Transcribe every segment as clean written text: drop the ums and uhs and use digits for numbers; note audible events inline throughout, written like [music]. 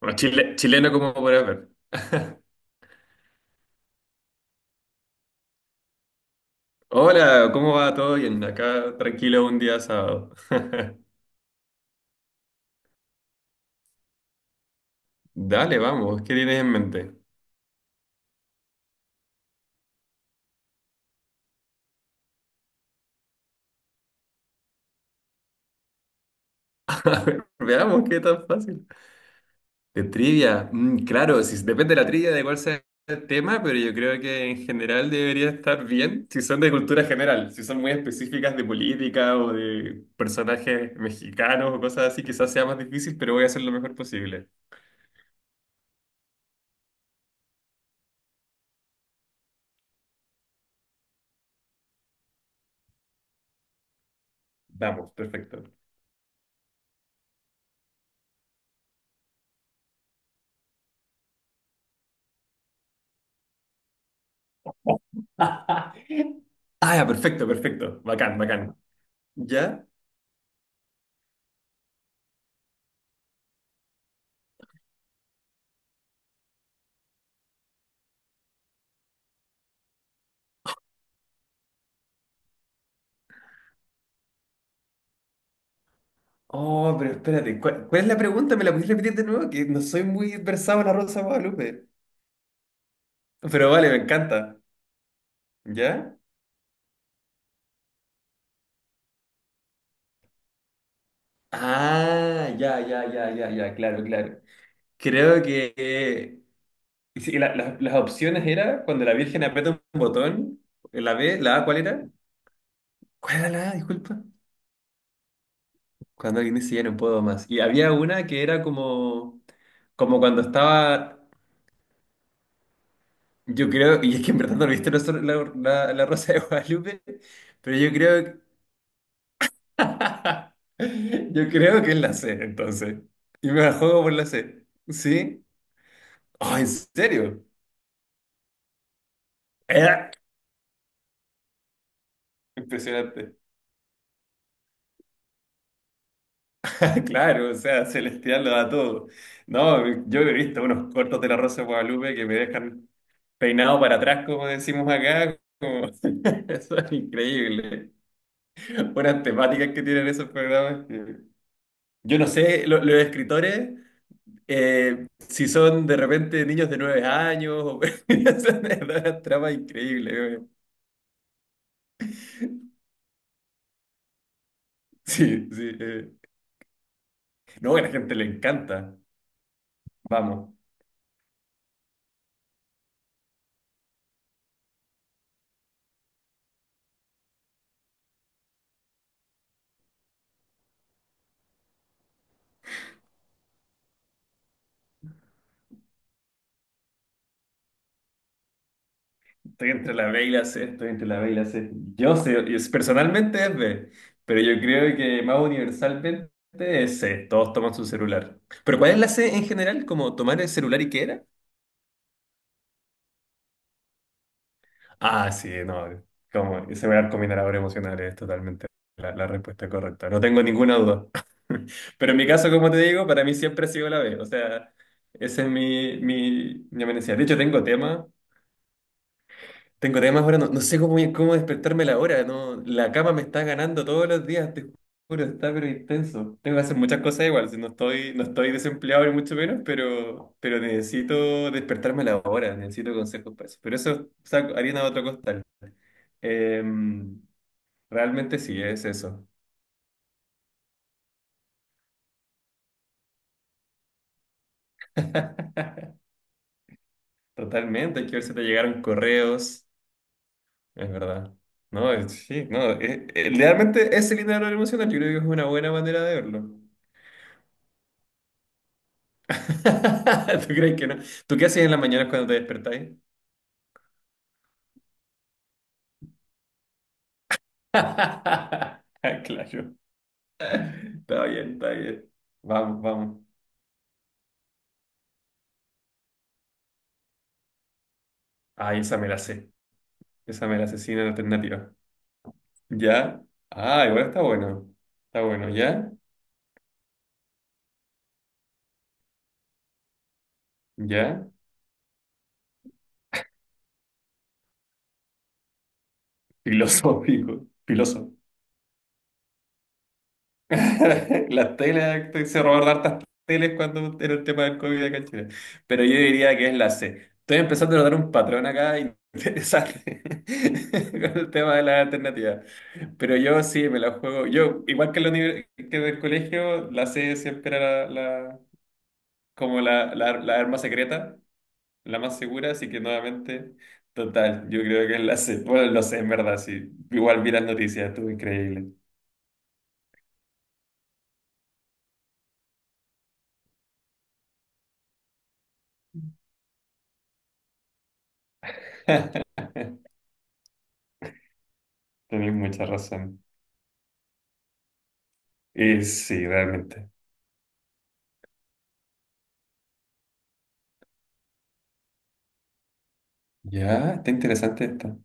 Bueno, chileno como podrás ver. [laughs] Hola, ¿cómo va todo bien? Acá tranquilo un día sábado. [laughs] Dale, vamos, ¿qué tienes en mente? [laughs] A ver, veamos qué tan fácil. De trivia, claro, si, depende de la trivia, de cuál sea el tema, pero yo creo que en general debería estar bien si son de cultura general, si son muy específicas de política o de personajes mexicanos o cosas así, quizás sea más difícil, pero voy a hacer lo mejor posible. Vamos, perfecto. Ah, ya, perfecto, perfecto. Bacán, bacán. ¿Ya? Oh, pero espérate, ¿cuál es la pregunta? ¿Me la pudiste repetir de nuevo? Que no soy muy versado en la Rosa de Guadalupe. Pero vale, me encanta. ¿Ya? Ah, ya, ya, ya, ya, ya, claro, claro. Creo que sí, las opciones era cuando la Virgen aprieta un botón, la B, la A, ¿cuál era? ¿Cuál era la A? Disculpa. Cuando alguien dice ya no puedo más. Y había una que era como cuando estaba, yo creo, y es que en verdad no viste la, la Rosa de Guadalupe. Pero yo creo [laughs] Yo creo que es la C, entonces. Y me la juego por la C. ¿Sí? Oh, ¿en serio? Eh, Impresionante. [laughs] Claro, o sea, Celestial lo da todo. No, yo he visto unos cortos de La Rosa de Guadalupe que me dejan peinado para atrás, como decimos acá. [laughs] Eso es increíble. Buenas temáticas que tienen esos programas. Yo no sé, los escritores. Si son de repente niños de 9 años, [laughs] es una trama increíble. Weón. Sí, sí. No, a la gente le encanta. Vamos, estoy entre la B y la C, estoy entre la B y la C. Yo sé, personalmente es B, pero yo creo que más universalmente es C. Todos toman su celular. ¿Pero cuál es la C en general? ¿Como tomar el celular y qué era? Ah, sí, no, como ese arco minerador emocional es totalmente la respuesta correcta, no tengo ninguna duda. [laughs] Pero en mi caso, como te digo, para mí siempre ha sido la B, o sea, esa es mi amenaza. De hecho, tengo temas ahora, no, no sé cómo despertarme la hora, no, la cama me está ganando todos los días, te juro, está pero intenso. Tengo que hacer muchas cosas igual, si no estoy desempleado ni mucho menos, pero necesito despertarme la hora, necesito consejos para eso. Pero eso, o sea, harina de otro costal. Em, realmente sí, es eso. [laughs] Totalmente, hay que ver si te llegaron correos, es verdad. No, sí, no, realmente ese el dinero emocional, yo creo que es una buena manera de verlo. [laughs] ¿Tú crees que no? ¿Tú qué haces en las mañanas cuando te despertáis? [laughs] Ah, claro, está bien, está bien. Vamos, vamos. Ay, esa me la sé. Esa me la sé sin alternativa. ¿Ya? Ah, igual está bueno. Está bueno, ¿ya? ¿Ya? Filosófico. Filosófico. [laughs] Las teles, se robaron hartas teles cuando era el tema del COVID acá en Chile. Pero yo diría que es la C. Estoy empezando a notar un patrón acá interesante [laughs] con el tema de las alternativas. Pero yo sí me la juego. Yo, igual que en, que en el colegio, la C siempre era la, como la, la arma secreta, la más segura, así que nuevamente, total, yo creo que es la C. Bueno, lo sé, en verdad, sí. Igual vi las noticias, estuvo increíble. Tenés mucha razón. Y sí, realmente. Ya, está interesante esta.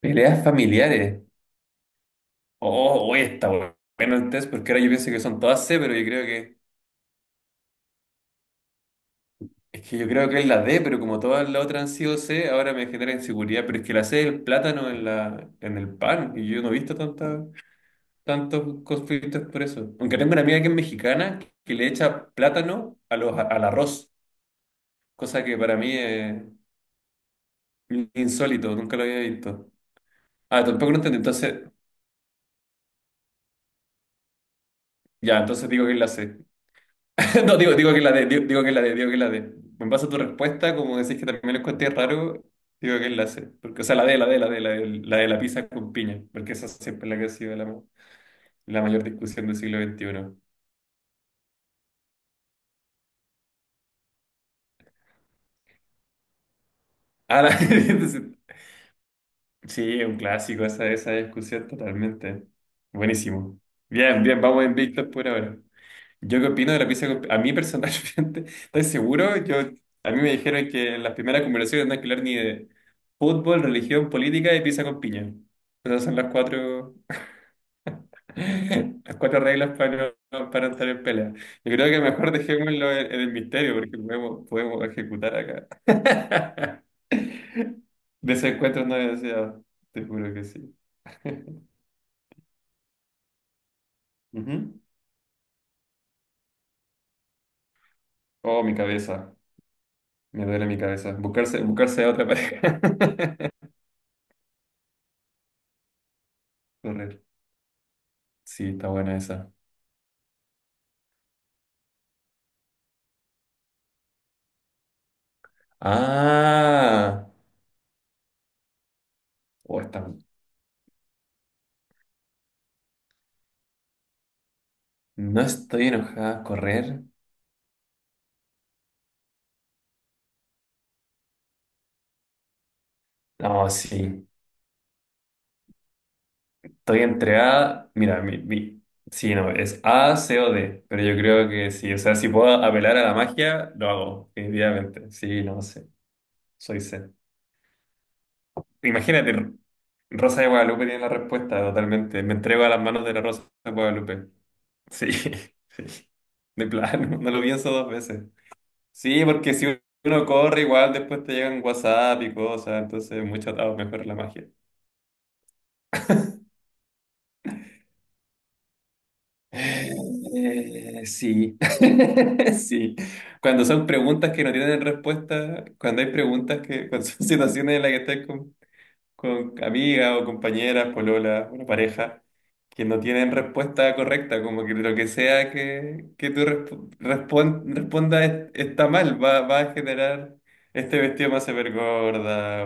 Peleas familiares. Oh, oye, está bueno el test, porque ahora yo pienso que son todas C, pero yo creo que. Es que yo creo que es la D, pero como todas las otras han sido C, ahora me genera inseguridad. Pero es que la C es el plátano en la, en el pan, y yo no he visto tanta, tantos conflictos por eso. Aunque tengo una amiga que es mexicana que le echa plátano a los, al arroz, cosa que para mí es insólito, nunca lo había visto. Ah, tampoco lo entendí, entonces. Ya, entonces digo que es la C. [laughs] No, digo que la de digo que la de digo que la de. En base a tu respuesta, como decís que también lo encontré raro, digo que es la C. Porque, o sea, la de la de la de la de la, de la pizza con piña. Porque esa siempre es la que ha sido la, mayor discusión del siglo XXI. Ah, [laughs] entonces, sí, un clásico esa discusión totalmente. Buenísimo. Bien, bien, vamos invictos por ahora. Yo qué opino de la pizza, a mí personalmente, [laughs] ¿estoy seguro? A mí me dijeron que en las primeras conversaciones no hay que hablar ni de fútbol, religión, política y pizza con piña. Esas son las cuatro, [laughs] las cuatro reglas para, no- para entrar en pelea. Yo creo que mejor dejémoslo en el misterio porque podemos ejecutar acá. [laughs] Desencuentros no deseados, te juro que sí. [laughs] Ujú. Oh, mi cabeza, me duele mi cabeza. Buscarse a otra pareja. [laughs] Correcto. Sí, está buena esa. Ah, oh, no estoy enojada a correr. No, sí. Estoy entregada. Mira, sí, no, es A, C o D. Pero yo creo que sí. O sea, si puedo apelar a la magia, lo hago, definitivamente. Sí, no sé. Soy C. Imagínate, Rosa de Guadalupe tiene la respuesta totalmente. Me entrego a las manos de la Rosa de Guadalupe. Sí, [laughs] sí. De plano, no lo pienso dos veces. Sí, porque si uno corre igual después te llegan WhatsApp y cosas, entonces mucho atado, mejor la magia. Sí, [laughs] sí. Cuando son preguntas que no tienen respuesta, cuando hay preguntas que, cuando son [laughs] situaciones en las que estás con, amigas o compañeras, polola, una pareja, que no tienen respuesta correcta, como que lo que sea que tú respondas está mal, va a generar este vestido más se ver gorda.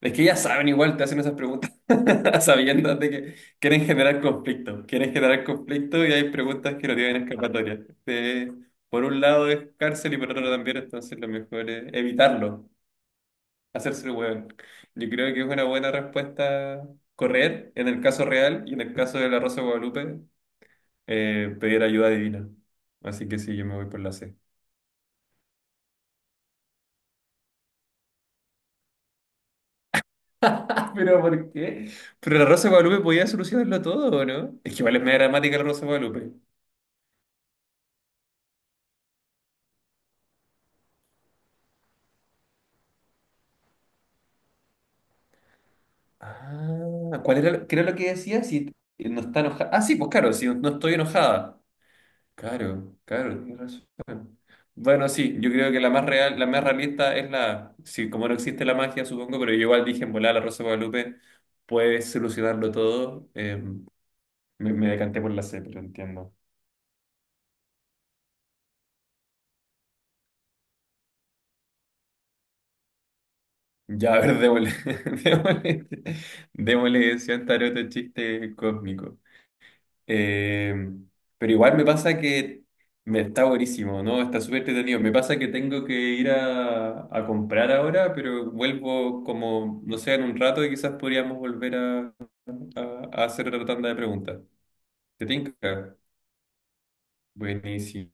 Es que ya saben, igual te hacen esas preguntas [laughs] sabiendo de que quieren generar conflicto y hay preguntas que no tienen escapatoria. Por un lado es cárcel y por otro también, entonces lo mejor es evitarlo, hacerse el hueón. Yo creo que es una buena respuesta correr en el caso real y en el caso de la Rosa de Guadalupe pedir ayuda divina. Así que sí, yo me voy por la C. [laughs] ¿Pero por qué? Pero la Rosa de Guadalupe podía solucionarlo todo, ¿o no? Es que igual es media dramática la Rosa de Guadalupe. Ah, ¿cuál era, qué era lo que decía? Si no está enojada. Ah, sí, pues claro, si no estoy enojada. Claro, claro, tienes razón. Bueno, sí, yo creo que la más real, la más realista es la. Sí, como no existe la magia, supongo, pero yo igual dije en volar la Rosa de Guadalupe puede solucionarlo todo. Me decanté por la C, pero entiendo. Ya, a ver, démosle, [laughs] démosle, démosle ese tarot chiste cósmico. Eh, pero igual me pasa que me está buenísimo, ¿no? Está súper entretenido. Me pasa que tengo que ir a comprar ahora, pero vuelvo como, no sé, en un rato y quizás podríamos volver a, a hacer otra tanda de preguntas. ¿Te tinca? Buenísimo.